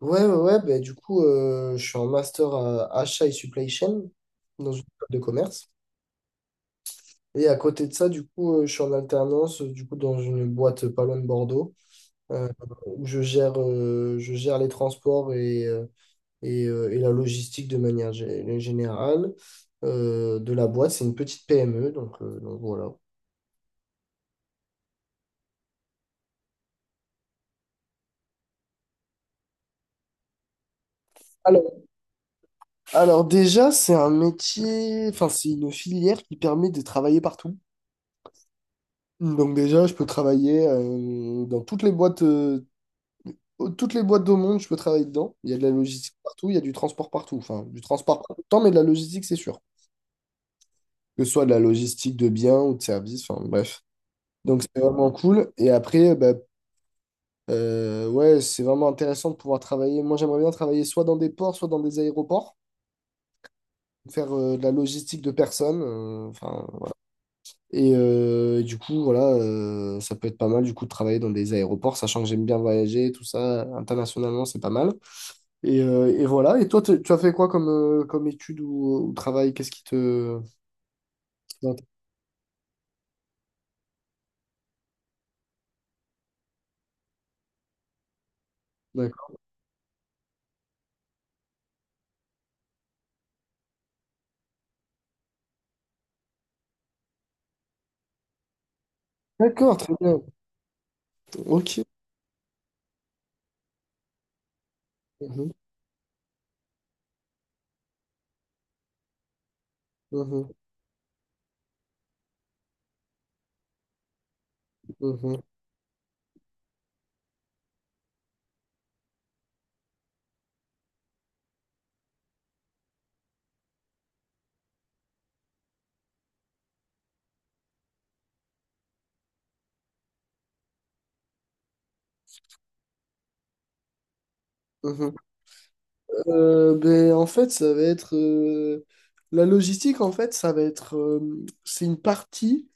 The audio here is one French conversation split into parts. Ouais, ouais, ouais, bah, du coup, je suis en master à achat et supply chain dans une école de commerce. Et à côté de ça, du coup, je suis en alternance, du coup, dans une boîte pas loin de Bordeaux, euh, où je gère les transports et la logistique de manière générale de la boîte. C'est une petite PME, donc voilà. Alors, alors déjà, c'est un métier, enfin, c'est une filière qui permet de travailler partout. Donc déjà, je peux travailler dans toutes les boîtes au monde, je peux travailler dedans. Il y a de la logistique partout, il y a du transport partout. Enfin, du transport pas tout le temps, mais de la logistique, c'est sûr. Que ce soit de la logistique de biens ou de services, enfin bref. Donc c'est vraiment cool. Et après, bah, ouais, c'est vraiment intéressant de pouvoir travailler. Moi, j'aimerais bien travailler soit dans des ports, soit dans des aéroports, faire de la logistique de personnes. Enfin. Et du coup, voilà, ça peut être pas mal du coup de travailler dans des aéroports, sachant que j'aime bien voyager, tout ça, internationalement, c'est pas mal. Et voilà, et toi, tu as fait quoi comme, comme étude ou travail? Qu'est-ce qui te... D'accord, d'accord, très bien. Ok. Mhm, mhm, mhm, mhm. Ben, en fait, la logistique, en fait, c'est une partie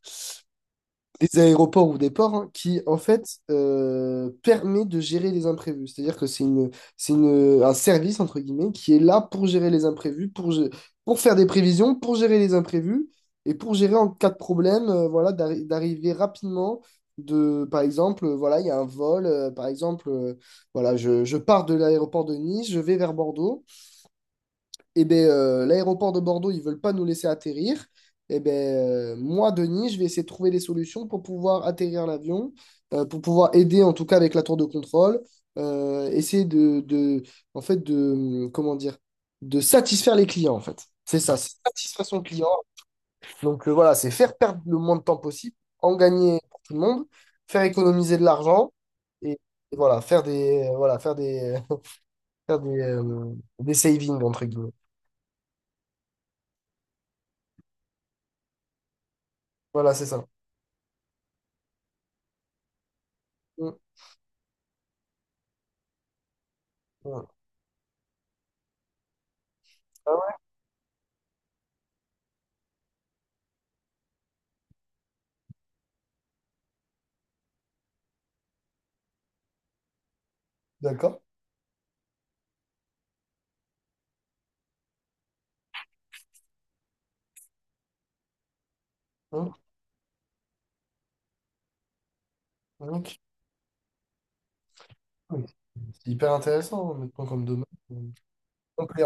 des aéroports ou des ports hein, qui, en fait, permet de gérer les imprévus. C'est-à-dire que un service, entre guillemets, qui est là pour gérer les imprévus, pour faire des prévisions, pour gérer les imprévus et pour gérer en cas de problème, voilà, d'arriver rapidement. De, par exemple, voilà, il y a un vol, par exemple, voilà, je pars de l'aéroport de Nice, je vais vers Bordeaux. Eh ben, l'aéroport de Bordeaux, ils veulent pas nous laisser atterrir. Eh ben, moi, Denis, je vais essayer de trouver des solutions pour pouvoir atterrir l'avion, pour pouvoir aider, en tout cas avec la tour de contrôle, essayer en fait, de, comment dire, de satisfaire les clients, en fait. C'est ça, c'est satisfaire son client. Donc voilà, c'est faire perdre le moins de temps possible, en gagner pour tout le monde, faire économiser de l'argent et, et voilà, faire des, faire des savings, entre guillemets. Voilà, c'est ça. Mm. Ouais. Ah ouais? D'accord. Hum, ok. Oui. C'est hyper intéressant, maintenant, comme domaine. Complet.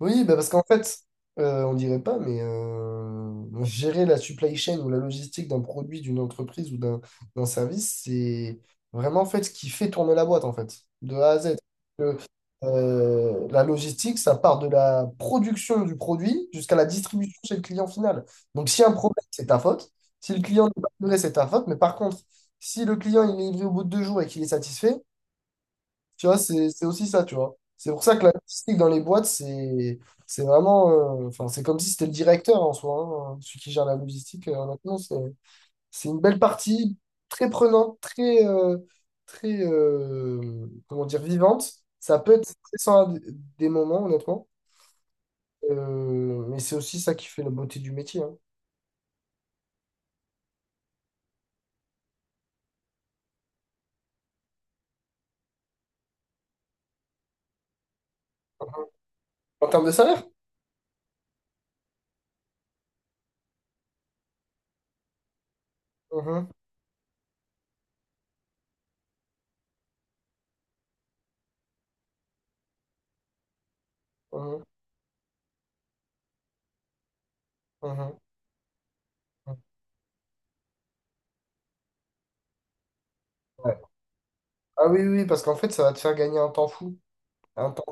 Oui, bah parce qu'en fait, on dirait pas, mais gérer la supply chain ou la logistique d'un produit, d'une entreprise ou d'un service, c'est vraiment en fait ce qui fait tourner la boîte, en fait, de A à Z. Euh, la logistique, ça part de la production du produit jusqu'à la distribution chez le client final. Donc, si un problème, c'est ta faute. Si le client n'est pas livré, c'est ta faute. Mais par contre, si le client il est livré au bout de 2 jours et qu'il est satisfait, tu vois, c'est aussi ça, tu vois. C'est pour ça que l'artistique dans les boîtes, c'est vraiment. Enfin, c'est comme si c'était le directeur en soi, hein, celui qui gère la logistique. Maintenant, c'est une belle partie, très prenante, très, comment dire, vivante. Ça peut être stressant à des moments, honnêtement. Mais c'est aussi ça qui fait la beauté du métier. Hein. En termes de salaire? Mhm, mhm, mhm, mhm. Ouais. Ah oui, oui, oui, parce qu'en fait, ça va te faire gagner un temps fou. Un temps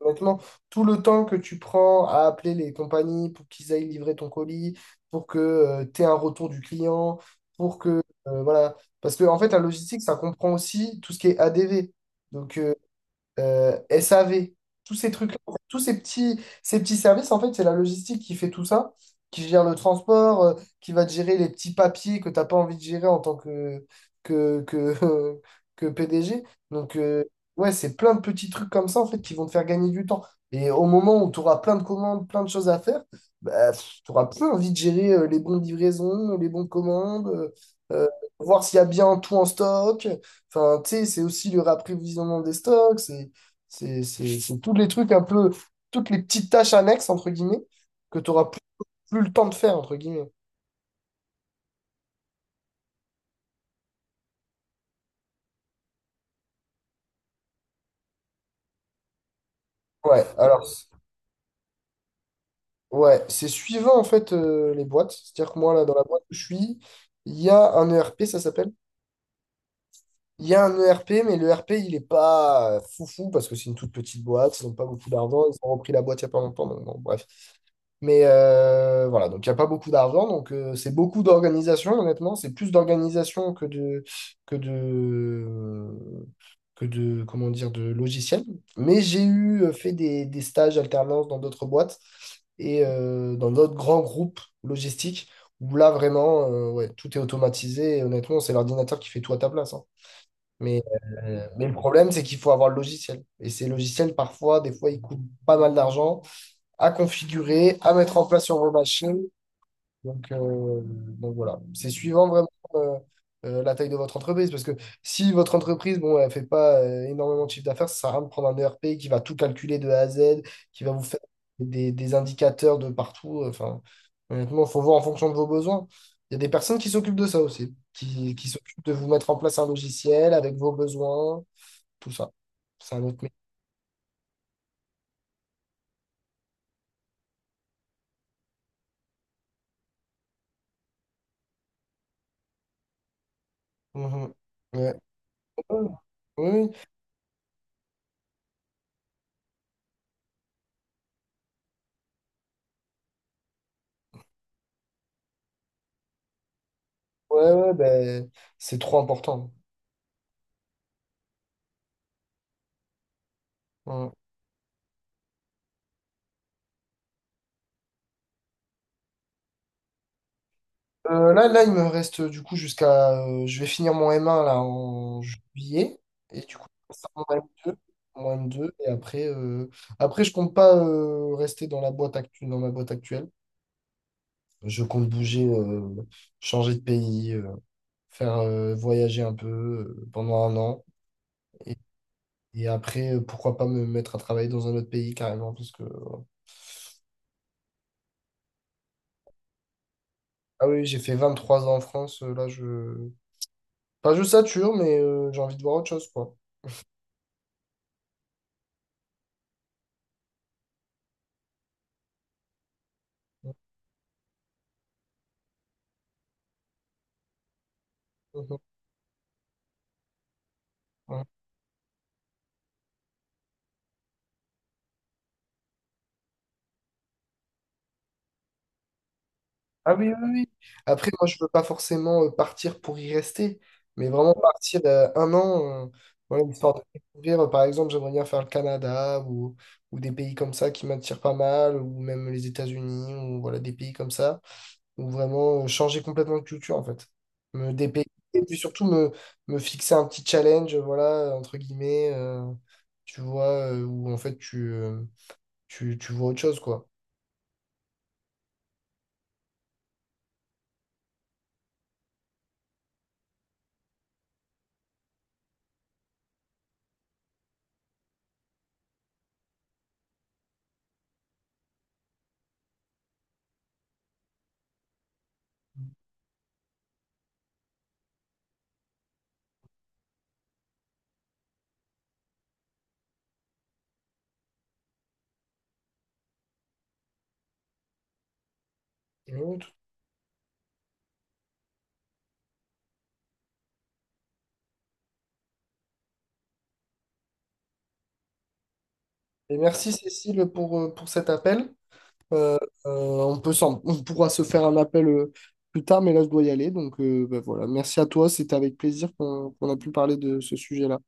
Honnêtement, tout le temps que tu prends à appeler les compagnies pour qu'ils aillent livrer ton colis, pour que tu aies un retour du client, pour que... voilà. Parce que, en fait, la logistique, ça comprend aussi tout ce qui est ADV. Donc, SAV, tous ces trucs-là, en fait, tous ces petits services, en fait, c'est la logistique qui fait tout ça, qui gère le transport, qui va te gérer les petits papiers que tu n'as pas envie de gérer en tant que, que, que PDG. Donc, ouais, c'est plein de petits trucs comme ça, en fait, qui vont te faire gagner du temps. Et au moment où tu auras plein de commandes, plein de choses à faire, bah, tu auras plus envie de gérer les bons livraisons, les bons commandes, euh, voir s'il y a bien tout en stock. Enfin, tu sais, c'est aussi le rapprévisionnement des stocks. C'est tous les trucs un peu, toutes les petites tâches annexes, entre guillemets, que tu n'auras plus, plus le temps de faire, entre guillemets. Ouais, alors, ouais, c'est suivant en fait les boîtes. C'est-à-dire que moi, là, dans la boîte où je suis, il y a un ERP, ça s'appelle. Il y a un ERP, mais le ERP, il est pas foufou parce que c'est une toute petite boîte, ils n'ont pas beaucoup d'argent, ils ont repris la boîte il n'y a pas longtemps, donc bon, bref. Mais voilà, donc il n'y a pas beaucoup d'argent, donc c'est beaucoup d'organisation, honnêtement, c'est plus d'organisation que de, que de, comment dire, de logiciel. Mais j'ai eu fait des stages alternance dans d'autres boîtes et dans d'autres grands groupes logistiques où là, vraiment, ouais, tout est automatisé et honnêtement, c'est l'ordinateur qui fait tout à ta place. Hein. Mais, mais le problème, c'est qu'il faut avoir le logiciel. Et ces logiciels, parfois, des fois, ils coûtent pas mal d'argent à configurer, à mettre en place sur vos machines. Donc voilà, c'est suivant vraiment euh, la taille de votre entreprise, parce que si votre entreprise, bon, elle fait pas énormément de chiffre d'affaires, ça sert à rien de prendre un ERP qui va tout calculer de A à Z, qui va vous faire des indicateurs de partout. Enfin, honnêtement, il faut voir en fonction de vos besoins. Il y a des personnes qui s'occupent de ça aussi, qui s'occupent de vous mettre en place un logiciel avec vos besoins, tout ça. C'est un autre métier. Mhm. Ouais. Oui, oui, ouais, ouais, ben, c'est trop important. Mmh. Là, là, il me reste du coup jusqu'à. Je vais finir mon M1 là en juillet. Et du coup, je vais faire mon M2. Mon M2. Et après je compte pas rester dans la dans ma boîte actuelle. Je compte bouger, changer de pays, faire voyager un peu pendant un an. Et, et après, pourquoi pas me mettre à travailler dans un autre pays carrément. Parce que. Ah oui, j'ai fait 23 ans en France. Là, je. Pas je sature, mais j'ai envie de voir autre chose, quoi. Mhm. Ah oui, oui, oui. Après, moi, je ne veux pas forcément partir pour y rester, mais vraiment partir un an, voilà, histoire de découvrir. Par exemple, j'aimerais bien faire le Canada ou des pays comme ça qui m'attirent pas mal, ou même les États-Unis, ou voilà, des pays comme ça, ou vraiment changer complètement de culture, en fait. Me dépayser, et puis surtout me fixer un petit challenge, voilà, entre guillemets, tu vois, où en fait, tu vois autre chose, quoi. Et oui, et merci, Cécile, pour cet appel. Euh, euh, on peut on pourra se faire un appel plus tard, mais là, je dois y aller. Donc, bah, voilà. Merci à toi. C'était avec plaisir qu'on a pu parler de ce sujet-là.